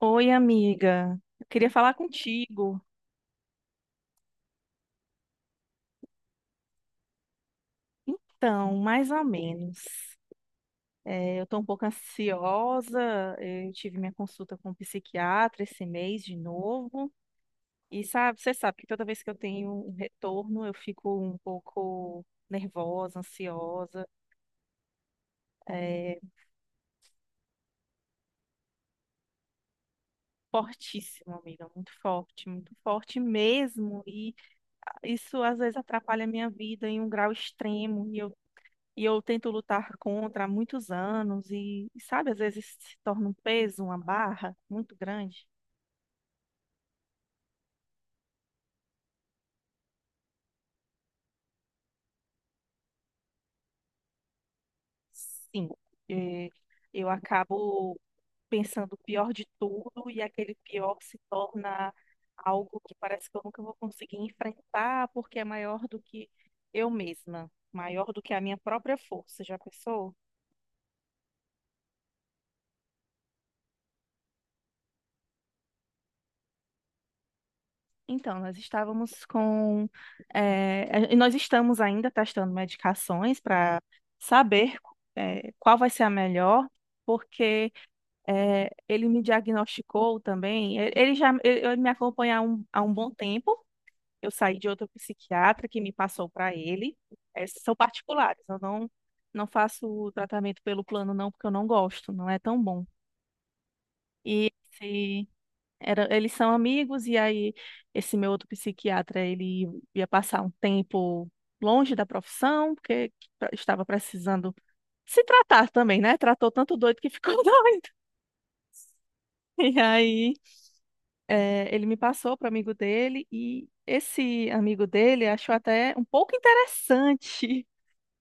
Oi, amiga. Eu queria falar contigo. Então, mais ou menos. É, eu estou um pouco ansiosa. Eu tive minha consulta com o psiquiatra esse mês de novo. E sabe, você sabe que toda vez que eu tenho um retorno, eu fico um pouco nervosa, ansiosa. É fortíssimo, amiga. Muito forte mesmo. E isso às vezes atrapalha a minha vida em um grau extremo. E eu tento lutar contra há muitos anos e sabe, às vezes se torna um peso, uma barra muito grande. Sim, eh, eu acabo pensando o pior de tudo e aquele pior se torna algo que parece que eu nunca vou conseguir enfrentar porque é maior do que eu mesma, maior do que a minha própria força. Já pensou? Então, nós estávamos com. Eh, e nós estamos ainda testando medicações para saber, qual vai ser a melhor, porque, ele me diagnosticou também. Ele ele já ele, ele me acompanha há um bom tempo. Eu saí de outro psiquiatra que me passou para ele. São particulares, eu não faço o tratamento pelo plano, não, porque eu não gosto, não é tão bom. E esse eles são amigos, e aí esse meu outro psiquiatra, ele ia passar um tempo longe da profissão, porque estava precisando se tratar também, né? Tratou tanto doido que ficou doido. E aí, ele me passou para amigo dele, e esse amigo dele achou até um pouco interessante.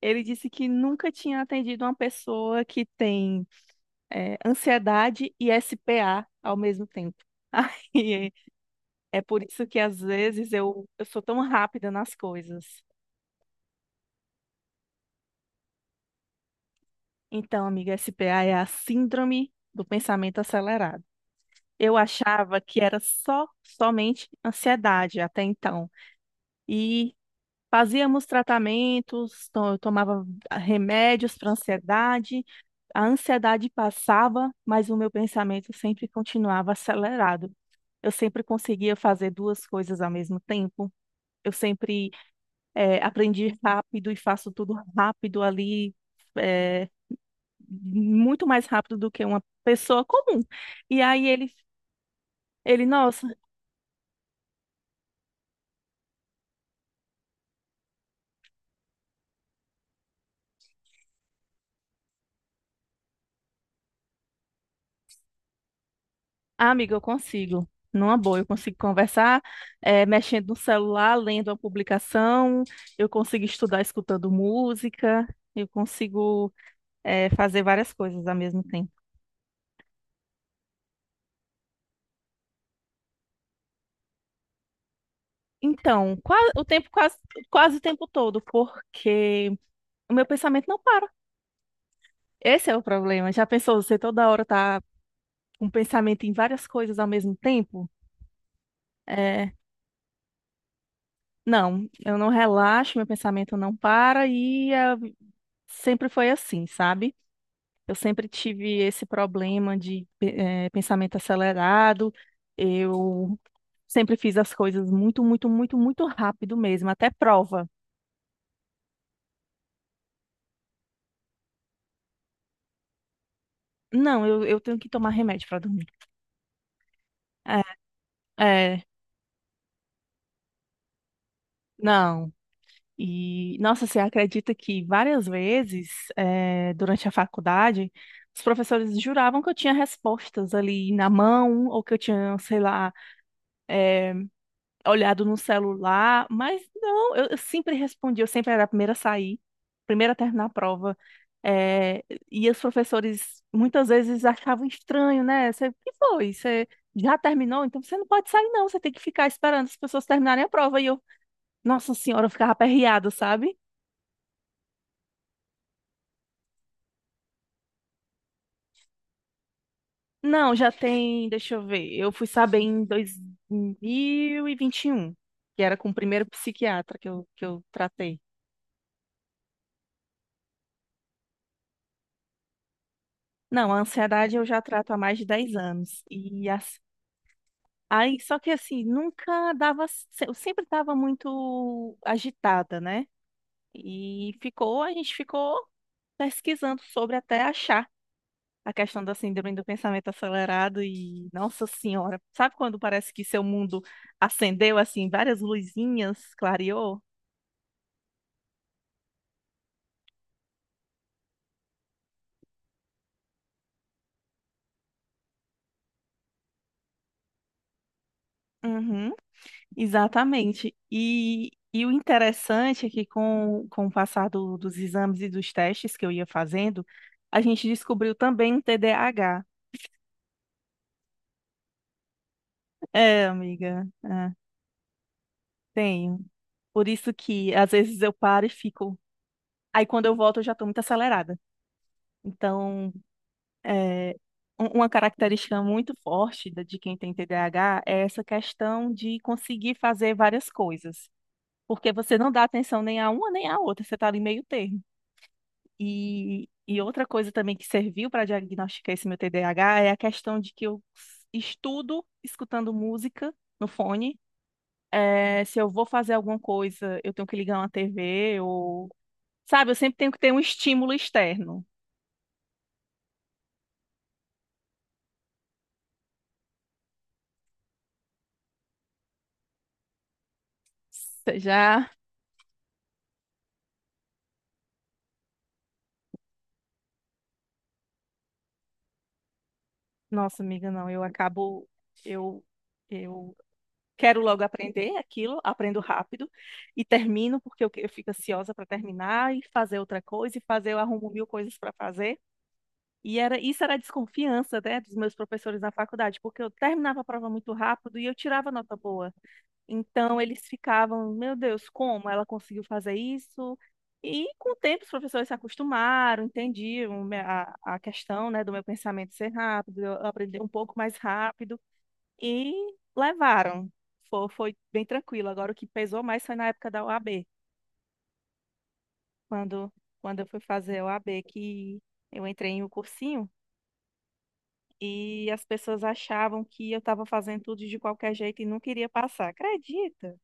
Ele disse que nunca tinha atendido uma pessoa que tem ansiedade e SPA ao mesmo tempo. Aí é por isso que às vezes eu sou tão rápida nas coisas. Então, amiga, SPA é a síndrome do pensamento acelerado. Eu achava que era só somente ansiedade até então. E fazíamos tratamentos, eu tomava remédios para ansiedade, a ansiedade passava, mas o meu pensamento sempre continuava acelerado. Eu sempre conseguia fazer duas coisas ao mesmo tempo. Eu sempre aprendi rápido e faço tudo rápido ali, é, muito mais rápido do que uma pessoa comum. E aí nossa, amiga, eu consigo. Numa boa, eu consigo conversar, mexendo no celular, lendo a publicação, eu consigo estudar escutando música, eu consigo, fazer várias coisas ao mesmo tempo. Então, quase o tempo todo, porque o meu pensamento não para. Esse é o problema. Já pensou, você toda hora tá com pensamento em várias coisas ao mesmo tempo. é, não, eu não relaxo, meu pensamento não para e sempre foi assim, sabe? Eu sempre tive esse problema de pensamento acelerado, eu sempre fiz as coisas muito, muito, muito, muito rápido mesmo, até prova. Não, eu tenho que tomar remédio para dormir. É, é, não. E, nossa, você acredita que várias vezes, durante a faculdade, os professores juravam que eu tinha respostas ali na mão, ou que eu tinha, sei lá, olhado no celular, mas não, eu sempre respondia, eu sempre era a primeira a sair, primeira a terminar a prova. Eh, e os professores muitas vezes achavam estranho, né? Você, o que foi? Você já terminou? Então você não pode sair, não, você tem que ficar esperando as pessoas terminarem a prova. E eu, nossa senhora, eu ficava aperreada, sabe? Não, já tem, deixa eu ver. Eu fui saber em dois mil e vinte e um, que era com o primeiro psiquiatra que eu tratei. Não, a ansiedade eu já trato há mais de 10 anos. E aí, só que assim, nunca dava, eu sempre estava muito agitada, né? E ficou, a gente ficou pesquisando sobre até achar a questão da síndrome do pensamento acelerado e, nossa senhora, sabe quando parece que seu mundo acendeu assim várias luzinhas, clareou? Uhum, exatamente. E o interessante é que com o passar dos exames e dos testes que eu ia fazendo, a gente descobriu também um TDAH. É, amiga, é, tenho. Por isso que às vezes eu paro e fico. Aí quando eu volto eu já estou muito acelerada. Então é, uma característica muito forte de quem tem TDAH é essa questão de conseguir fazer várias coisas, porque você não dá atenção nem a uma nem a outra, você está ali meio termo. E outra coisa também que serviu para diagnosticar esse meu TDAH é a questão de que eu estudo escutando música no fone. É, se eu vou fazer alguma coisa, eu tenho que ligar uma TV ou, sabe, eu sempre tenho que ter um estímulo externo. Você já Nossa, amiga, não, eu acabo, eu, eu quero logo aprender aquilo, aprendo rápido e termino porque eu fico ansiosa para terminar e fazer outra coisa e fazer, eu arrumo mil coisas para fazer. E era, isso era a desconfiança, né, dos meus professores na faculdade, porque eu terminava a prova muito rápido e eu tirava nota boa. Então eles ficavam, meu Deus, como ela conseguiu fazer isso? E com o tempo os professores se acostumaram, entendiam a questão, né, do meu pensamento ser rápido, eu aprendi um pouco mais rápido e levaram. Foi, foi bem tranquilo. Agora o que pesou mais foi na época da OAB, quando, quando eu fui fazer a OAB, que eu entrei em um cursinho e as pessoas achavam que eu estava fazendo tudo de qualquer jeito e não queria passar. Acredita?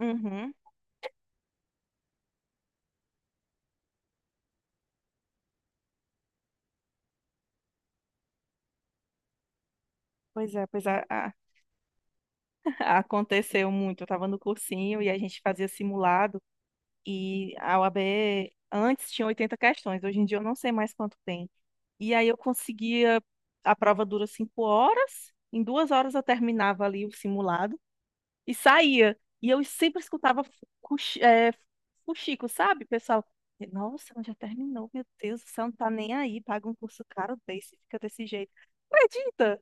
Uhum. Pois é, pois é. Aconteceu muito. Eu estava no cursinho e a gente fazia simulado e a UAB antes tinha 80 questões, hoje em dia eu não sei mais quanto tem. E aí eu conseguia, a prova dura 5 horas, em 2 horas eu terminava ali o simulado e saía. E eu sempre escutava fuxico, sabe, pessoal? Nossa, mas já terminou, meu Deus, você não tá nem aí, paga um curso caro desse, fica desse jeito. Acredita?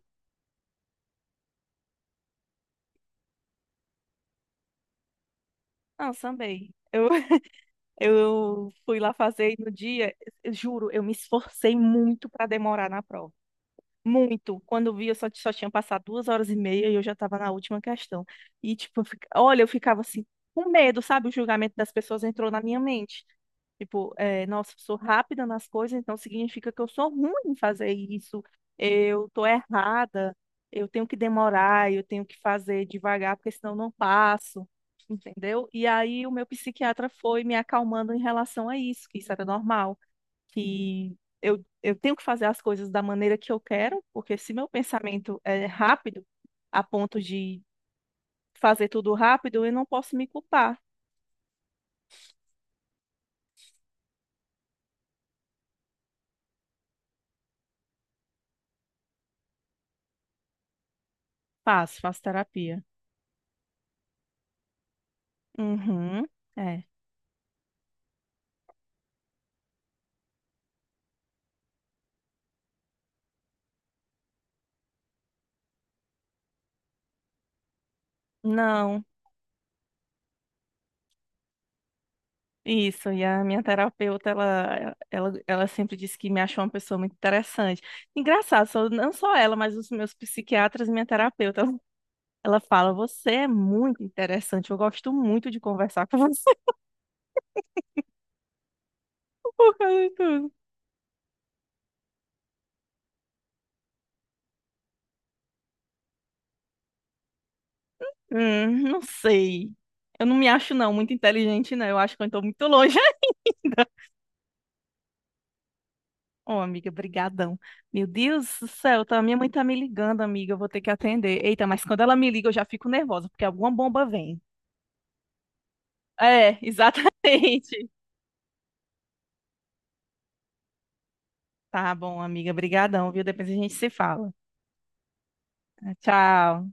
Não, sambei. Eu fui lá fazer e no dia, eu juro, eu me esforcei muito para demorar na prova. Muito. Quando eu vi, eu só tinha passado 2 horas e meia e eu já estava na última questão. E, tipo, olha, eu ficava assim, com medo, sabe? O julgamento das pessoas entrou na minha mente. Tipo, é, nossa, eu sou rápida nas coisas, então significa que eu sou ruim em fazer isso, eu tô errada, eu tenho que demorar, eu tenho que fazer devagar, porque senão eu não passo, entendeu? E aí o meu psiquiatra foi me acalmando em relação a isso, que isso era normal, que eu tenho que fazer as coisas da maneira que eu quero, porque se meu pensamento é rápido, a ponto de fazer tudo rápido, eu não posso me culpar. Faço, faço terapia. Uhum, é. Não. Isso, e a minha terapeuta, ela sempre disse que me achou uma pessoa muito interessante. Engraçado, só, não só ela, mas os meus psiquiatras e minha terapeuta. Ela fala, você é muito interessante, eu gosto muito de conversar com você por causa de tudo. Não sei. Eu não me acho, não, muito inteligente, não. Eu acho que eu estou muito longe ainda. Ô, amiga, brigadão. Meu Deus do céu, tá, minha mãe tá me ligando, amiga, eu vou ter que atender. Eita, mas quando ela me liga, eu já fico nervosa, porque alguma bomba vem. É, exatamente. Tá bom, amiga. Brigadão, viu? Depois a gente se fala. Tchau.